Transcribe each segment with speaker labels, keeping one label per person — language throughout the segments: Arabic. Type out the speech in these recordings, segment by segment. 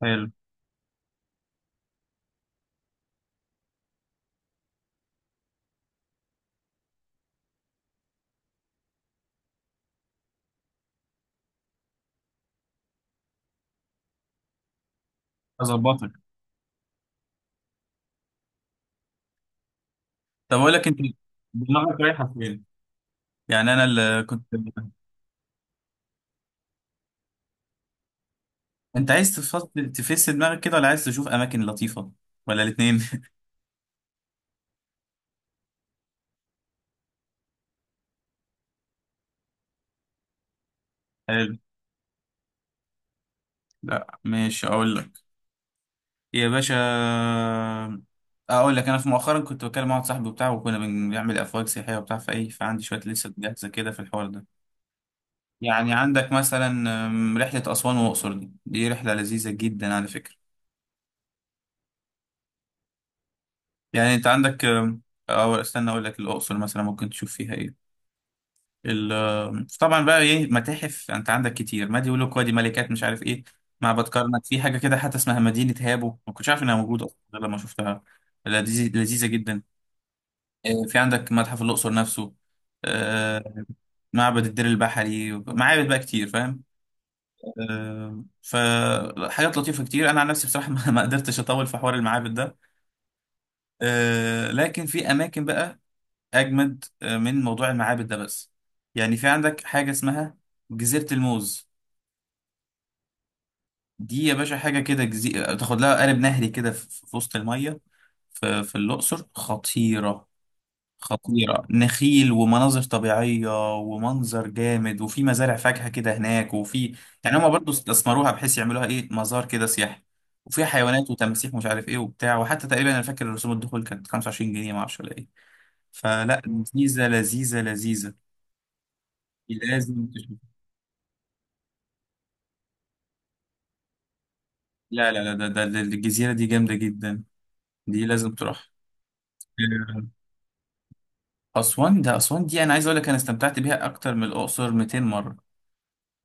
Speaker 1: حلو. اظبطك. طب اقول لك انت، دماغك رايحه فين؟ يعني انا اللي كنت، انت عايز تفصل تفس دماغك كده ولا عايز تشوف اماكن لطيفه ولا الاثنين؟ حلو. لا ماشي، اقول لك يا باشا. اقول لك، انا في مؤخرا كنت بكلم واحد صاحبي وبتاع، وكنا بنعمل افواج سياحيه وبتاع، فايه، فعندي شويه لسه جاهزه كده في الحوار ده. يعني عندك مثلا رحله اسوان والاقصر، دي رحله لذيذه جدا على فكره. يعني انت عندك، او استنى اقول لك، الاقصر مثلا ممكن تشوف فيها ايه. طبعا بقى ايه، متاحف انت عندك كتير، ما دي يقول لك وادي ملكات مش عارف ايه، معبد كرنك، في حاجه كده حتى اسمها مدينه هابو، ما كنتش عارف انها موجوده اصلا غير لما شفتها. لذيذه جدا. في عندك متحف الاقصر نفسه. آه، معبد الدير البحري، معابد بقى كتير فاهم. فحاجات لطيفه كتير. انا عن نفسي بصراحه ما قدرتش اطول في حوار المعابد ده. لكن في اماكن بقى اجمد من موضوع المعابد ده. بس يعني في عندك حاجه اسمها جزيره الموز. دي يا باشا حاجه كده، جزيره تاخد لها قارب نهري كده في وسط الميه، في الاقصر، خطيره. خطيره، نخيل ومناظر طبيعيه ومنظر جامد، وفي مزارع فاكهه كده هناك، وفي يعني هما برضو استثمروها بحيث يعملوها ايه، مزار كده سياحي، وفيها حيوانات وتماسيح مش عارف ايه وبتاع. وحتى تقريبا انا فاكر رسوم الدخول كانت 25 جنيه، ما اعرفش ولا ايه. فلا، لذيذه لذيذه لذيذه. لازم تشوف. لا لا لا، ده الجزيرة دي جامدة جدا، دي لازم تروح. آه، أسوان. ده أسوان دي أنا عايز أقول لك، أنا استمتعت بيها أكتر من الأقصر 200 مرة.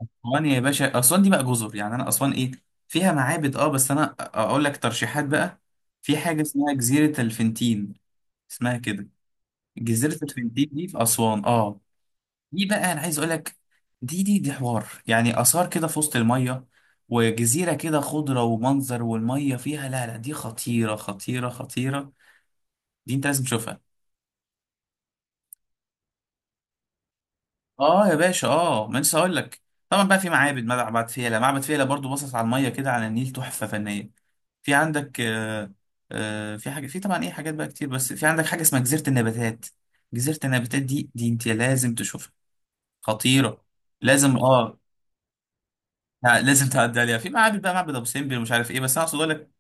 Speaker 1: أسوان يا باشا، أسوان دي بقى جزر، يعني أنا أسوان إيه، فيها معابد أه، بس أنا أقول لك ترشيحات بقى. في حاجة اسمها جزيرة الفنتين، اسمها كده. جزيرة الفنتين دي في أسوان أه. دي بقى انا عايز اقول لك، دي حوار يعني، اثار كده في وسط الميه، وجزيره كده خضره ومنظر، والميه فيها، لا لا، دي خطيره خطيره خطيره. دي انت لازم تشوفها. اه يا باشا اه، ما لسه هقول لك. طبعا بقى في معابد، معبد فيلة. معبد فيلة برضو باصص على الميه كده، على النيل، تحفه فنيه. في عندك آه. آه، في حاجه، في طبعا ايه، حاجات بقى كتير، بس في عندك حاجه اسمها جزيره النباتات. جزيره النباتات دي، دي انت لازم تشوفها، خطيره. لازم اه. لا، لازم تعدي عليها. في معابد بقى، معبد ابو سمبل ومش عارف ايه، بس انا اقصد اقول لك،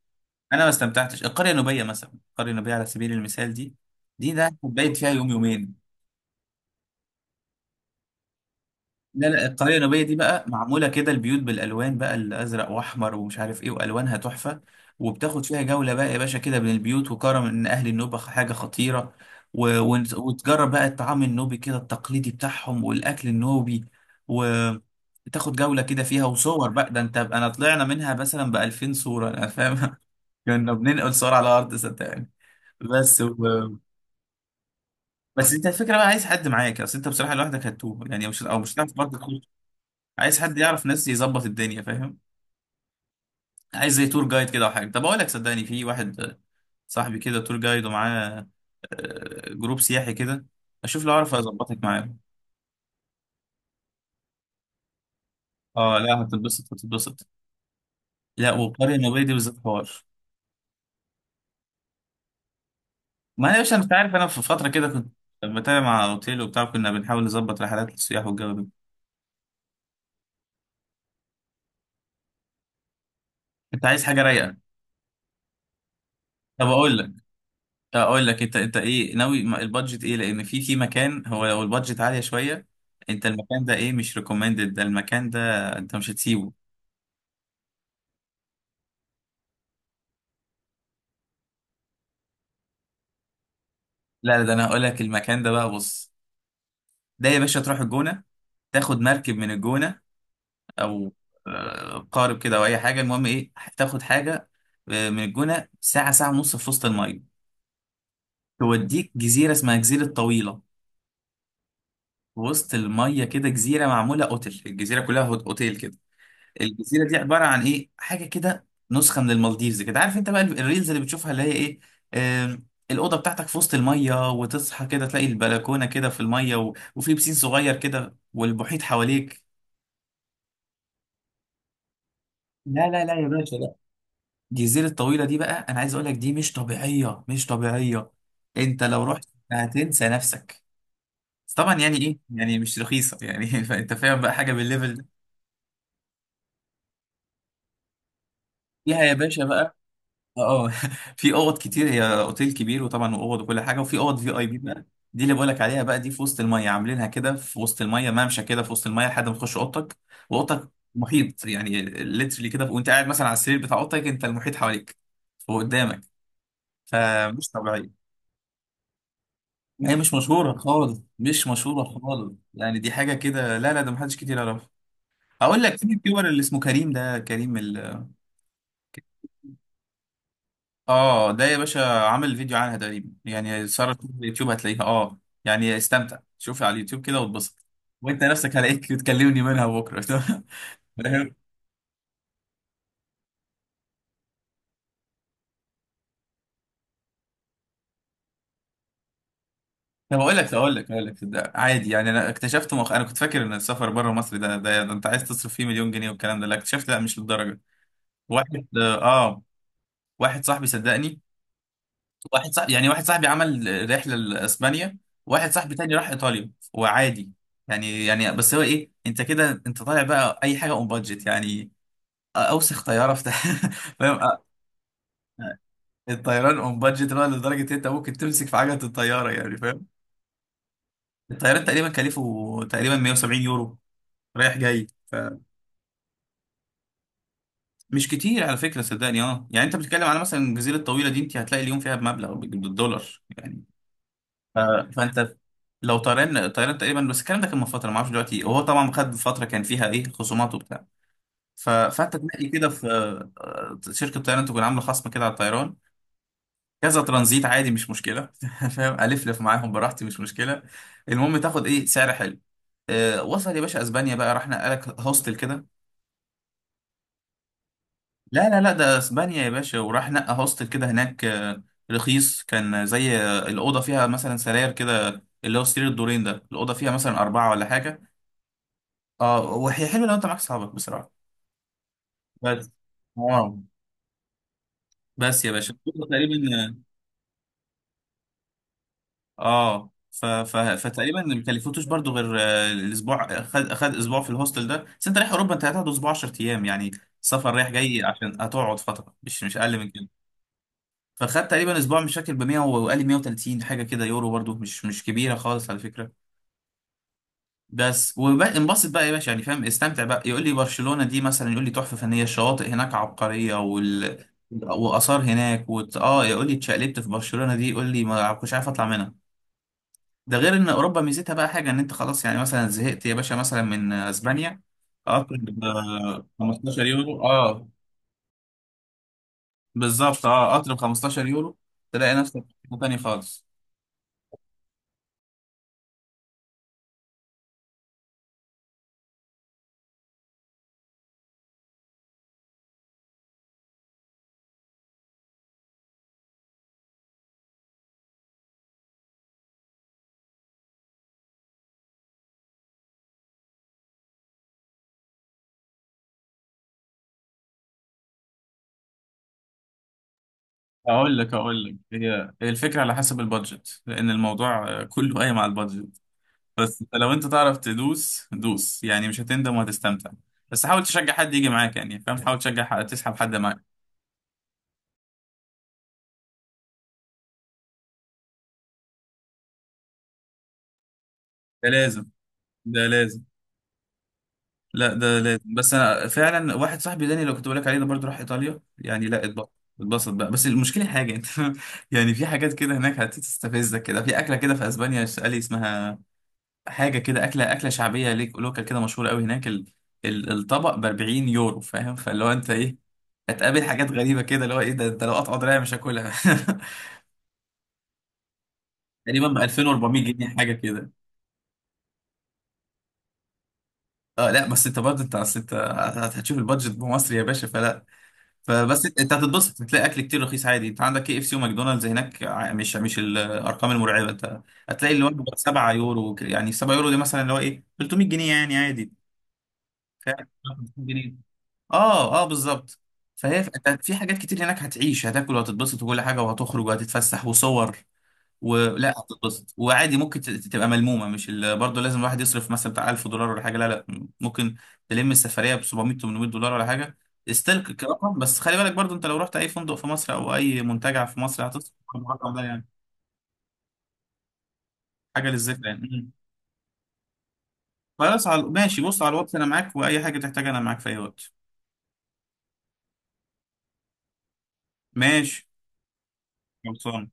Speaker 1: انا ما استمتعتش. القريه النوبيه مثلا، القريه النوبيه على سبيل المثال، دي ده كنت بايت فيها يوم يومين. لا لا، القرية النوبية دي بقى معمولة كده، البيوت بالألوان بقى، الأزرق وأحمر ومش عارف إيه، وألوانها تحفة، وبتاخد فيها جولة بقى يا باشا كده بين البيوت، وكرم إن أهل النوبة حاجة خطيرة، وتجرب بقى الطعام النوبي كده التقليدي بتاعهم، والأكل النوبي، وتاخد جولة كده فيها وصور بقى. ده أنت، أنا طلعنا منها مثلا بألفين صورة، أنا فاهم. كنا بننقل صور على الأرض صدقني. بس و... بس أنت الفكرة بقى، عايز حد معاك، أصل أنت بصراحة لوحدك هتتوه، يعني مش، أو مش هتعرف برضه. عايز حد يعرف ناس، يظبط الدنيا فاهم. عايز زي تور جايد كده او حاجه. طب اقول لك، صدقني في واحد صاحبي كده تور جايد، ومعاه جروب سياحي كده. اشوف لو اعرف اظبطك معاه. اه لا، هتتبسط هتتبسط. لا، والقريه النوبيه دي بالذات حوار. ما انا يا باشا، انت عارف انا في فتره كده كنت بتابع مع اوتيل وبتاع، كنا بنحاول نظبط رحلات للسياح والجو ده. انت عايز حاجه رايقه؟ طب اقول لك. انت انت ايه ناوي البادجت ايه؟ لان في في مكان، هو لو البادجت عاليه شويه، انت المكان ده ايه، مش ريكومندد ده المكان ده، انت مش هتسيبه. لا لا، ده انا هقول لك المكان ده بقى، بص. ده يا باشا تروح الجونه، تاخد مركب من الجونه، او قارب كده او اي حاجه، المهم ايه، تاخد حاجه من الجونه ساعه، ساعه ونص في وسط الميه، توديك جزيره اسمها جزيره طويله، في وسط الميه كده، جزيره معموله اوتيل، الجزيره كلها اوتيل كده. الجزيره دي عباره عن ايه، حاجه كده نسخه من المالديفز كده، عارف انت بقى الريلز اللي بتشوفها اللي هي ايه، آم، الاوضه بتاعتك في وسط الميه، وتصحى كده تلاقي البلكونه كده في الميه، وفي بسين صغير كده والمحيط حواليك. لا لا لا يا باشا، لا. الجزيره الطويله دي بقى، انا عايز اقول لك، دي مش طبيعيه مش طبيعيه. انت لو رحت هتنسى نفسك. بس طبعا يعني ايه، يعني مش رخيصه يعني. فانت فاهم بقى، حاجه بالليفل ده، فيها يا باشا بقى، اه في اوض كتير، هي اوتيل كبير وطبعا واوض وكل حاجه، وفي اوض في اي بي بقى. دي اللي بقولك عليها بقى، دي في وسط الميه، عاملينها كده في وسط الميه، ممشى كده في وسط الميه لحد ما تخش اوضتك، واوضتك محيط يعني ليترلي كده، وانت قاعد مثلا على السرير بتاع اوضتك، انت المحيط حواليك وقدامك، فمش طبيعيه. ما هي مش مشهوره خالص، مش مشهوره خالص، يعني دي حاجه كده، لا لا، ده محدش كتير يعرفها. اقول لك، في اليوتيوبر اللي اسمه كريم، ده كريم اه. ده يا باشا عامل فيديو عنها، تقريبا يعني سهرة اليوتيوب هتلاقيها اه. يعني استمتع، شوفها على اليوتيوب كده واتبسط، وانت نفسك هلاقيك تكلمني منها بكره. فاهم. طب اقول لك. ده عادي يعني، انا اكتشفت انا كنت فاكر ان السفر بره مصر ده انت عايز تصرف فيه مليون جنيه والكلام ده. لا، اكتشفت لا، مش للدرجه. واحد اه، واحد صاحبي صدقني، واحد صاحبي يعني، واحد صاحبي عمل رحله لاسبانيا، واحد صاحبي تاني راح ايطاليا وعادي. يعني بس هو ايه، انت كده انت طالع بقى اي حاجه اون بادجت يعني، اوسخ طياره في، فاهم. الطيران اون بادجت، اللي هو لدرجه إن انت ممكن تمسك في عجله الطياره، يعني فاهم. الطيران تقريبا كلفه تقريبا 170 يورو رايح جاي، فمش كتير على فكره صدقني. اه يعني انت بتتكلم على مثلا الجزيره الطويله دي، انت هتلاقي اليوم فيها بمبلغ بالدولار يعني. ف- فانت لو طيران، طيران تقريبا، بس الكلام ده كان من فتره، ما اعرفش دلوقتي، وهو طبعا خد فتره كان فيها ايه خصومات وبتاع. فانت تلاقي كده في شركه طيران تكون عامله خصم كده على الطيران. كذا ترانزيت عادي مش مشكله فاهم، الفلف معاهم براحتي مش مشكله، المهم تاخد ايه سعر حلو. وصل يا باشا اسبانيا بقى، راح نقلك هوستل كده. لا لا لا، ده اسبانيا يا باشا، وراح نقى هوستل كده هناك، رخيص، كان زي آه، الاوضه فيها مثلا سراير كده، اللي هو سرير الدورين ده، الاوضه فيها مثلا اربعه ولا حاجه. اه وهي حلوه لو انت معاك صحابك بصراحه. بس اه، بس يا باشا، كله تقريبا اه، فتقريبا ما كلفتوش برضو، غير الاسبوع، خد خد اسبوع في الهوستل ده، بس انت رايح اوروبا انت هتقعد اسبوع، 10 ايام يعني، سفر رايح جاي، عشان هتقعد فتره مش مش اقل من كده. فخدت تقريبا اسبوع مش فاكر، ب 100 وقال لي 130 حاجه كده يورو، برضو مش مش كبيره خالص على فكره. بس، وانبسط بقى يا باشا، يعني فاهم، استمتع بقى. يقول لي برشلونة دي مثلا، يقول لي تحفة فنية، الشواطئ هناك عبقرية، وآثار هناك اه يقول لي اتشقلبت في برشلونة دي، يقول لي ما كنتش عارف اطلع منها. ده غير ان اوروبا ميزتها بقى حاجة، ان انت خلاص يعني مثلا زهقت يا باشا مثلا من اسبانيا، قطر ب 15 يورو، اه بالظبط اه، قطر ب 15 يورو، تلاقي نفسك في حتة تاني خالص. اقول لك. هي هي الفكرة على حسب البادجت، لان الموضوع كله قايم على البادجت. بس انت لو انت تعرف تدوس دوس، يعني مش هتندم وهتستمتع، بس حاول تشجع حد يجي معاك، يعني فاهم، حاول تشجع حد، تسحب حد معاك. ده لازم. ده لازم. لا ده لازم. بس انا فعلا واحد صاحبي داني لو كنت بقول لك عليه ده، برضه راح ايطاليا، يعني لا، اتبسط، اتبسط بقى. بس المشكله حاجه، انت يعني في حاجات كده هناك هتستفزك كده، في اكله كده في اسبانيا قال لي اسمها، حاجه كده اكله، اكله شعبيه ليك لوكال كده، مشهوره قوي هناك، الطبق ب 40 يورو، فاهم، فاللي هو انت ايه، هتقابل حاجات غريبه كده، اللي هو ايه ده، انت لو قطع دراعي مش هاكلها. تقريبا ب 2400 جنيه حاجه كده. اه لا، بس انت برضه انت، أصل انت هتشوف البادجت بمصر يا باشا فلا. فبس انت، أنت هتتبسط، هتلاقي اكل كتير رخيص عادي، انت عندك كي اف سي وماكدونالدز هناك، مش مش الارقام المرعبه. انت هتلاقي اللي هو 7 يورو يعني 7 يورو دي مثلا اللي هو ايه 300 جنيه يعني عادي. ف- 50 جنيه اه اه بالظبط. فهي انت في حاجات كتير هناك، هتعيش هتاكل وهتتبسط وكل حاجه، وهتخرج وهتتفسح وصور، ولا هتتبسط وعادي. ممكن تبقى ملمومه، مش برضه لازم الواحد يصرف مثلا بتاع 1000 دولار ولا حاجه، لا لا، ممكن تلم السفريه ب 700، 800 دولار ولا حاجه، استلك كرقم. بس خلي بالك برضه، انت لو رحت اي فندق في مصر او اي منتجع في مصر هتصرف كم، الرقم ده يعني حاجه للذكر يعني. مم. خلاص، ماشي، بص على الواتس انا معاك، واي حاجه تحتاجها انا معاك في اي وقت. ماشي. خلصان.